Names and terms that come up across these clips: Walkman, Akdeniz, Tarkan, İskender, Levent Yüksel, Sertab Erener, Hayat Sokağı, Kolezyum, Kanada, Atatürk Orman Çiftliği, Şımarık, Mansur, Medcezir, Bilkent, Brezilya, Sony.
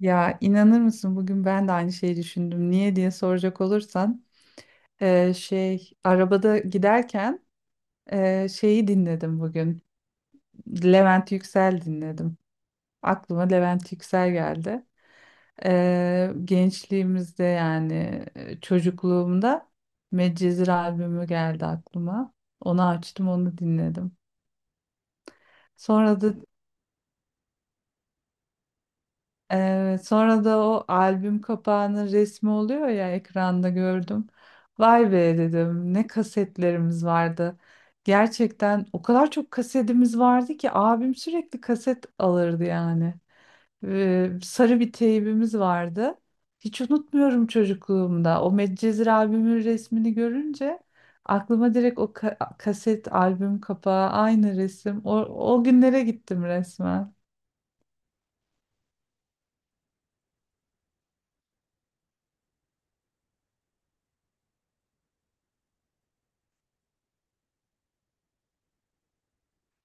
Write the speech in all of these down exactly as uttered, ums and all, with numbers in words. Ya inanır mısın, bugün ben de aynı şeyi düşündüm. Niye diye soracak olursan, e, şey arabada giderken e, şeyi dinledim bugün. Levent Yüksel dinledim. Aklıma Levent Yüksel geldi. E, gençliğimizde yani e, çocukluğumda Medcezir albümü geldi aklıma. Onu açtım, onu dinledim. Sonra da Evet, sonra da o albüm kapağının resmi oluyor ya, ekranda gördüm. Vay be dedim, ne kasetlerimiz vardı. Gerçekten o kadar çok kasetimiz vardı ki abim sürekli kaset alırdı yani. Ee, sarı bir teybimiz vardı. Hiç unutmuyorum çocukluğumda. O Medcezir albümün resmini görünce aklıma direkt o ka- kaset albüm kapağı, aynı resim. O, o günlere gittim resmen.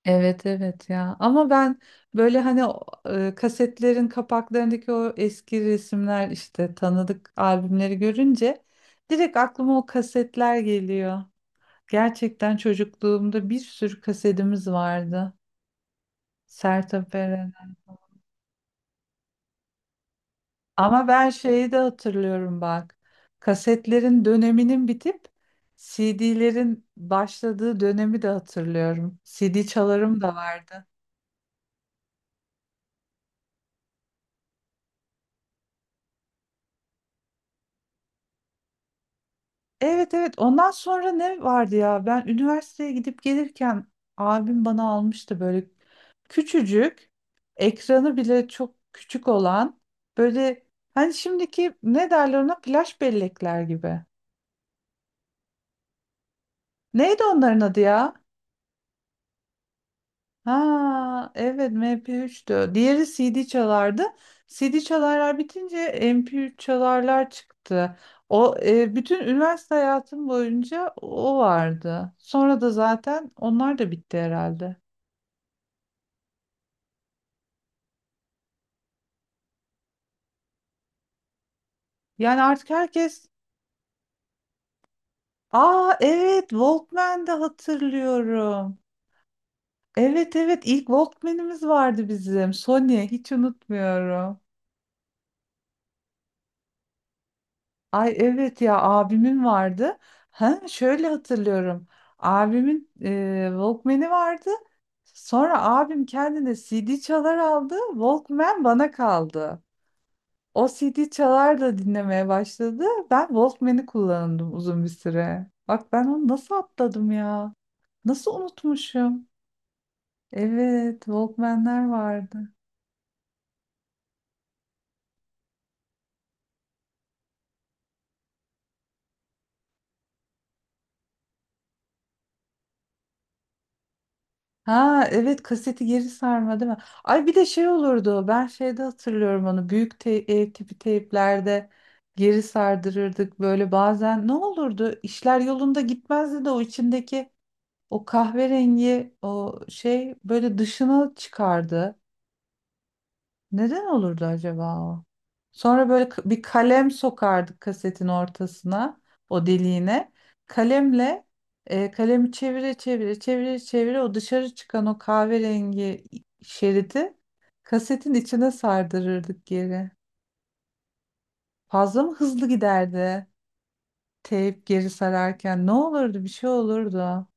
Evet evet ya, ama ben böyle hani o, e, kasetlerin kapaklarındaki o eski resimler işte tanıdık albümleri görünce direkt aklıma o kasetler geliyor. Gerçekten çocukluğumda bir sürü kasetimiz vardı. Sertab Erener. Ama ben şeyi de hatırlıyorum bak. Kasetlerin döneminin bitip C D'lerin başladığı dönemi de hatırlıyorum. C D çalarım da vardı. Evet evet, ondan sonra ne vardı ya, ben üniversiteye gidip gelirken abim bana almıştı böyle küçücük, ekranı bile çok küçük olan böyle, hani şimdiki ne derler ona, flash bellekler gibi. Neydi onların adı ya? Ha evet, M P üçtü. Diğeri C D çalardı. C D çalarlar bitince M P üç çalarlar çıktı. O, e, bütün üniversite hayatım boyunca o vardı. Sonra da zaten onlar da bitti herhalde. Yani artık herkes... Aa evet, Walkman'de hatırlıyorum. Evet evet, ilk Walkman'imiz vardı bizim. Sony, hiç unutmuyorum. Ay evet ya, abimin vardı. Ha, şöyle hatırlıyorum. Abimin e, Walkman'i vardı. Sonra abim kendine C D çalar aldı, Walkman bana kaldı. O C D çalar da dinlemeye başladı. Ben Walkman'i kullandım uzun bir süre. Bak, ben onu nasıl atladım ya? Nasıl unutmuşum? Evet, Walkman'ler vardı. Ha evet, kaseti geri sarma değil mi? Ay bir de şey olurdu, ben şeyde hatırlıyorum onu, büyük te ev tipi teyplerde geri sardırırdık böyle. Bazen ne olurdu, işler yolunda gitmezdi de o içindeki o kahverengi o şey böyle dışına çıkardı. Neden olurdu acaba o? Sonra böyle k- bir kalem sokardık kasetin ortasına, o deliğine. Kalemle e, kalemi çevire çevire çevire çevire o dışarı çıkan o kahverengi şeridi kasetin içine sardırırdık geri. Fazla mı hızlı giderdi? Teyp geri sararken ne olurdu? Bir şey olurdu.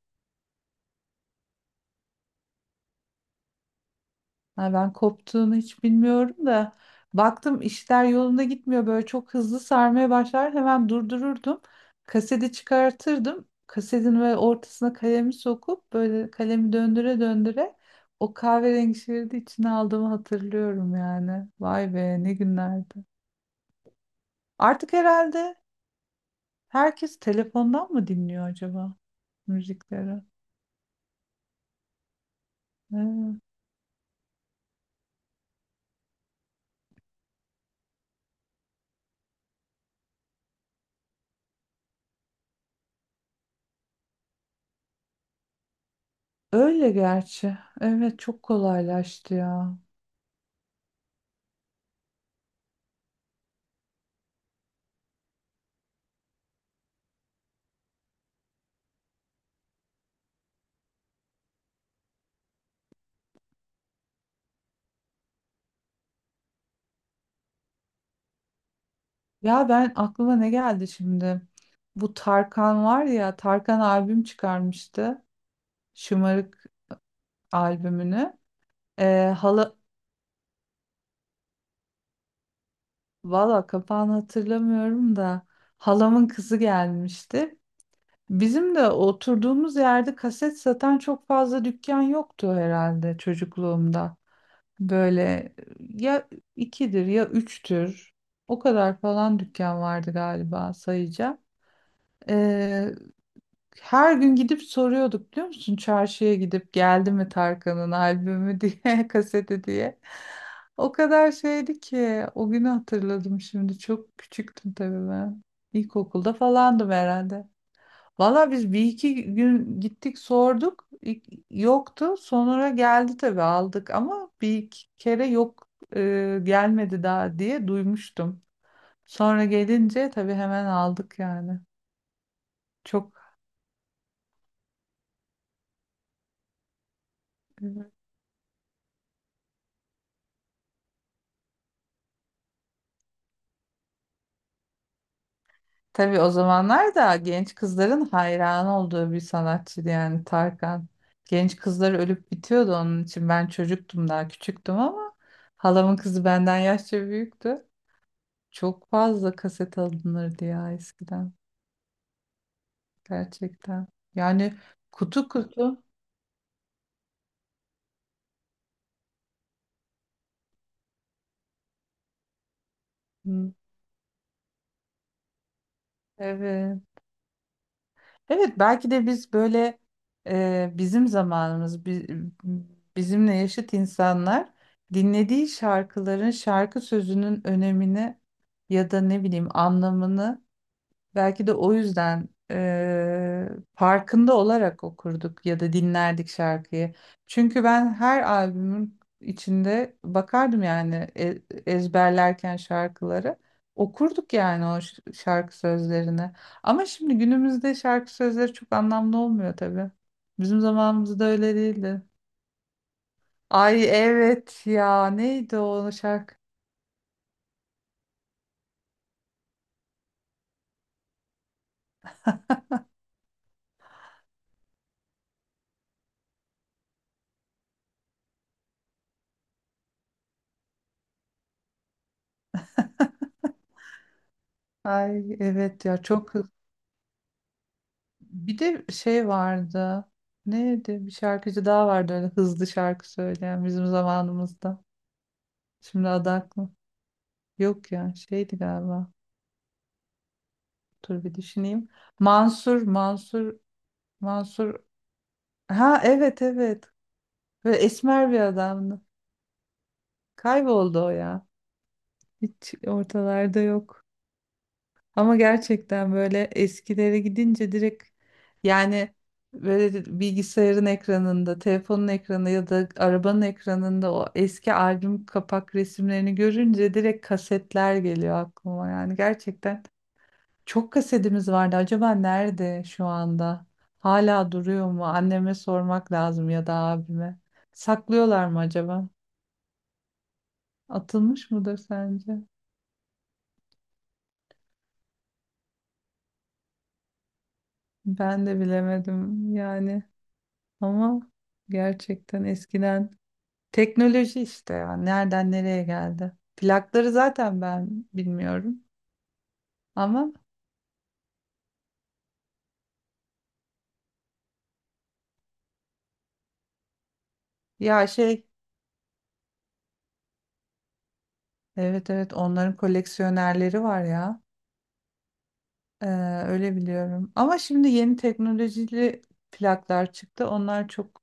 Ha, ben koptuğunu hiç bilmiyorum da baktım işler yolunda gitmiyor, böyle çok hızlı sarmaya başlar, hemen durdururdum, kaseti çıkartırdım, kasetin ve ortasına kalemi sokup böyle, kalemi döndüre döndüre o kahverengi şeridi içine aldığımı hatırlıyorum. Yani vay be, ne günlerdi. Artık herhalde herkes telefondan mı dinliyor acaba müzikleri? Evet. Öyle, gerçi evet, çok kolaylaştı ya. Ya ben, aklıma ne geldi şimdi? Bu Tarkan var ya, Tarkan albüm çıkarmıştı. Şımarık albümünü. Ee, hala, valla kapağını hatırlamıyorum da, halamın kızı gelmişti. Bizim de oturduğumuz yerde kaset satan çok fazla dükkan yoktu herhalde çocukluğumda. Böyle ya ikidir ya üçtür, o kadar falan dükkan vardı galiba, sayacağım. Her gün gidip soruyorduk, biliyor musun? Çarşıya gidip geldi mi Tarkan'ın albümü diye, kaseti diye. O kadar şeydi ki, o günü hatırladım şimdi. Çok küçüktüm tabii ben. İlkokulda falandım herhalde. Valla biz bir iki gün gittik sorduk. İlk- Yoktu. Sonra geldi tabii, aldık. Ama bir iki kere yok, e, gelmedi daha diye duymuştum. Sonra gelince tabii hemen aldık yani. Çok, e, tabii o zamanlar da genç kızların hayran olduğu bir sanatçıydı yani, Tarkan. Genç kızlar ölüp bitiyordu onun için. Ben çocuktum, daha küçüktüm, ama halamın kızı benden yaşça büyüktü. Çok fazla kaset alınırdı ya eskiden, gerçekten. Yani kutu kutu. Hı. Evet. Evet, belki de biz böyle e, bizim zamanımız bi- bizimle yaşıt insanlar dinlediği şarkıların şarkı sözünün önemini, ya da ne bileyim anlamını... Belki de o yüzden eee, farkında olarak okurduk ya da dinlerdik şarkıyı. Çünkü ben her albümün içinde bakardım yani, e- ezberlerken şarkıları. Okurduk yani o ş- şarkı sözlerini. Ama şimdi günümüzde şarkı sözleri çok anlamlı olmuyor tabii. Bizim zamanımızda öyle değildi. Ay evet ya, neydi o şarkı? Ay evet ya, çok... Bir de şey vardı. Neydi? Bir şarkıcı daha vardı öyle hızlı şarkı söyleyen bizim zamanımızda. Şimdi adı aklı- yok ya, şeydi galiba. Dur bir düşüneyim. Mansur, Mansur, Mansur. Ha evet evet. Böyle esmer bir adamdı. Kayboldu o ya. Hiç ortalarda yok. Ama gerçekten böyle eskilere gidince direkt, yani, böyle bilgisayarın ekranında, telefonun ekranında ya da arabanın ekranında o eski albüm kapak resimlerini görünce direkt kasetler geliyor aklıma. Yani gerçekten çok kasetimiz vardı. Acaba nerede şu anda? Hala duruyor mu? Anneme sormak lazım ya da abime. Saklıyorlar mı acaba? Atılmış mıdır sence? Ben de bilemedim yani. Ama gerçekten eskiden teknoloji işte ya, nereden nereye geldi. Plakları zaten ben bilmiyorum. Ama ya şey, evet evet, onların koleksiyonerleri var ya. Ee, Öyle biliyorum. Ama şimdi yeni teknolojili plaklar çıktı. Onlar çok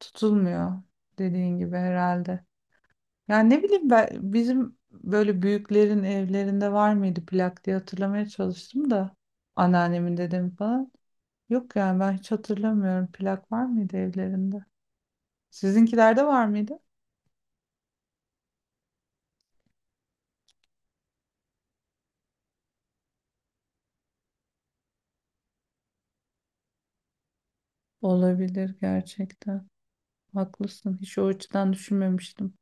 tutulmuyor dediğin gibi herhalde. Yani ne bileyim ben, bizim böyle büyüklerin evlerinde var mıydı plak diye hatırlamaya çalıştım da, anneannemin, dedemin falan. Yok yani, ben hiç hatırlamıyorum. Plak var mıydı evlerinde? Sizinkilerde var mıydı? Olabilir gerçekten. Haklısın. Hiç o açıdan düşünmemiştim.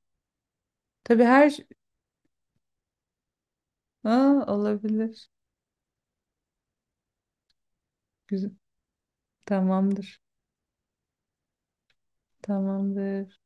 Tabii her... Aa, olabilir. Güzel. Tamamdır. Tamamdır.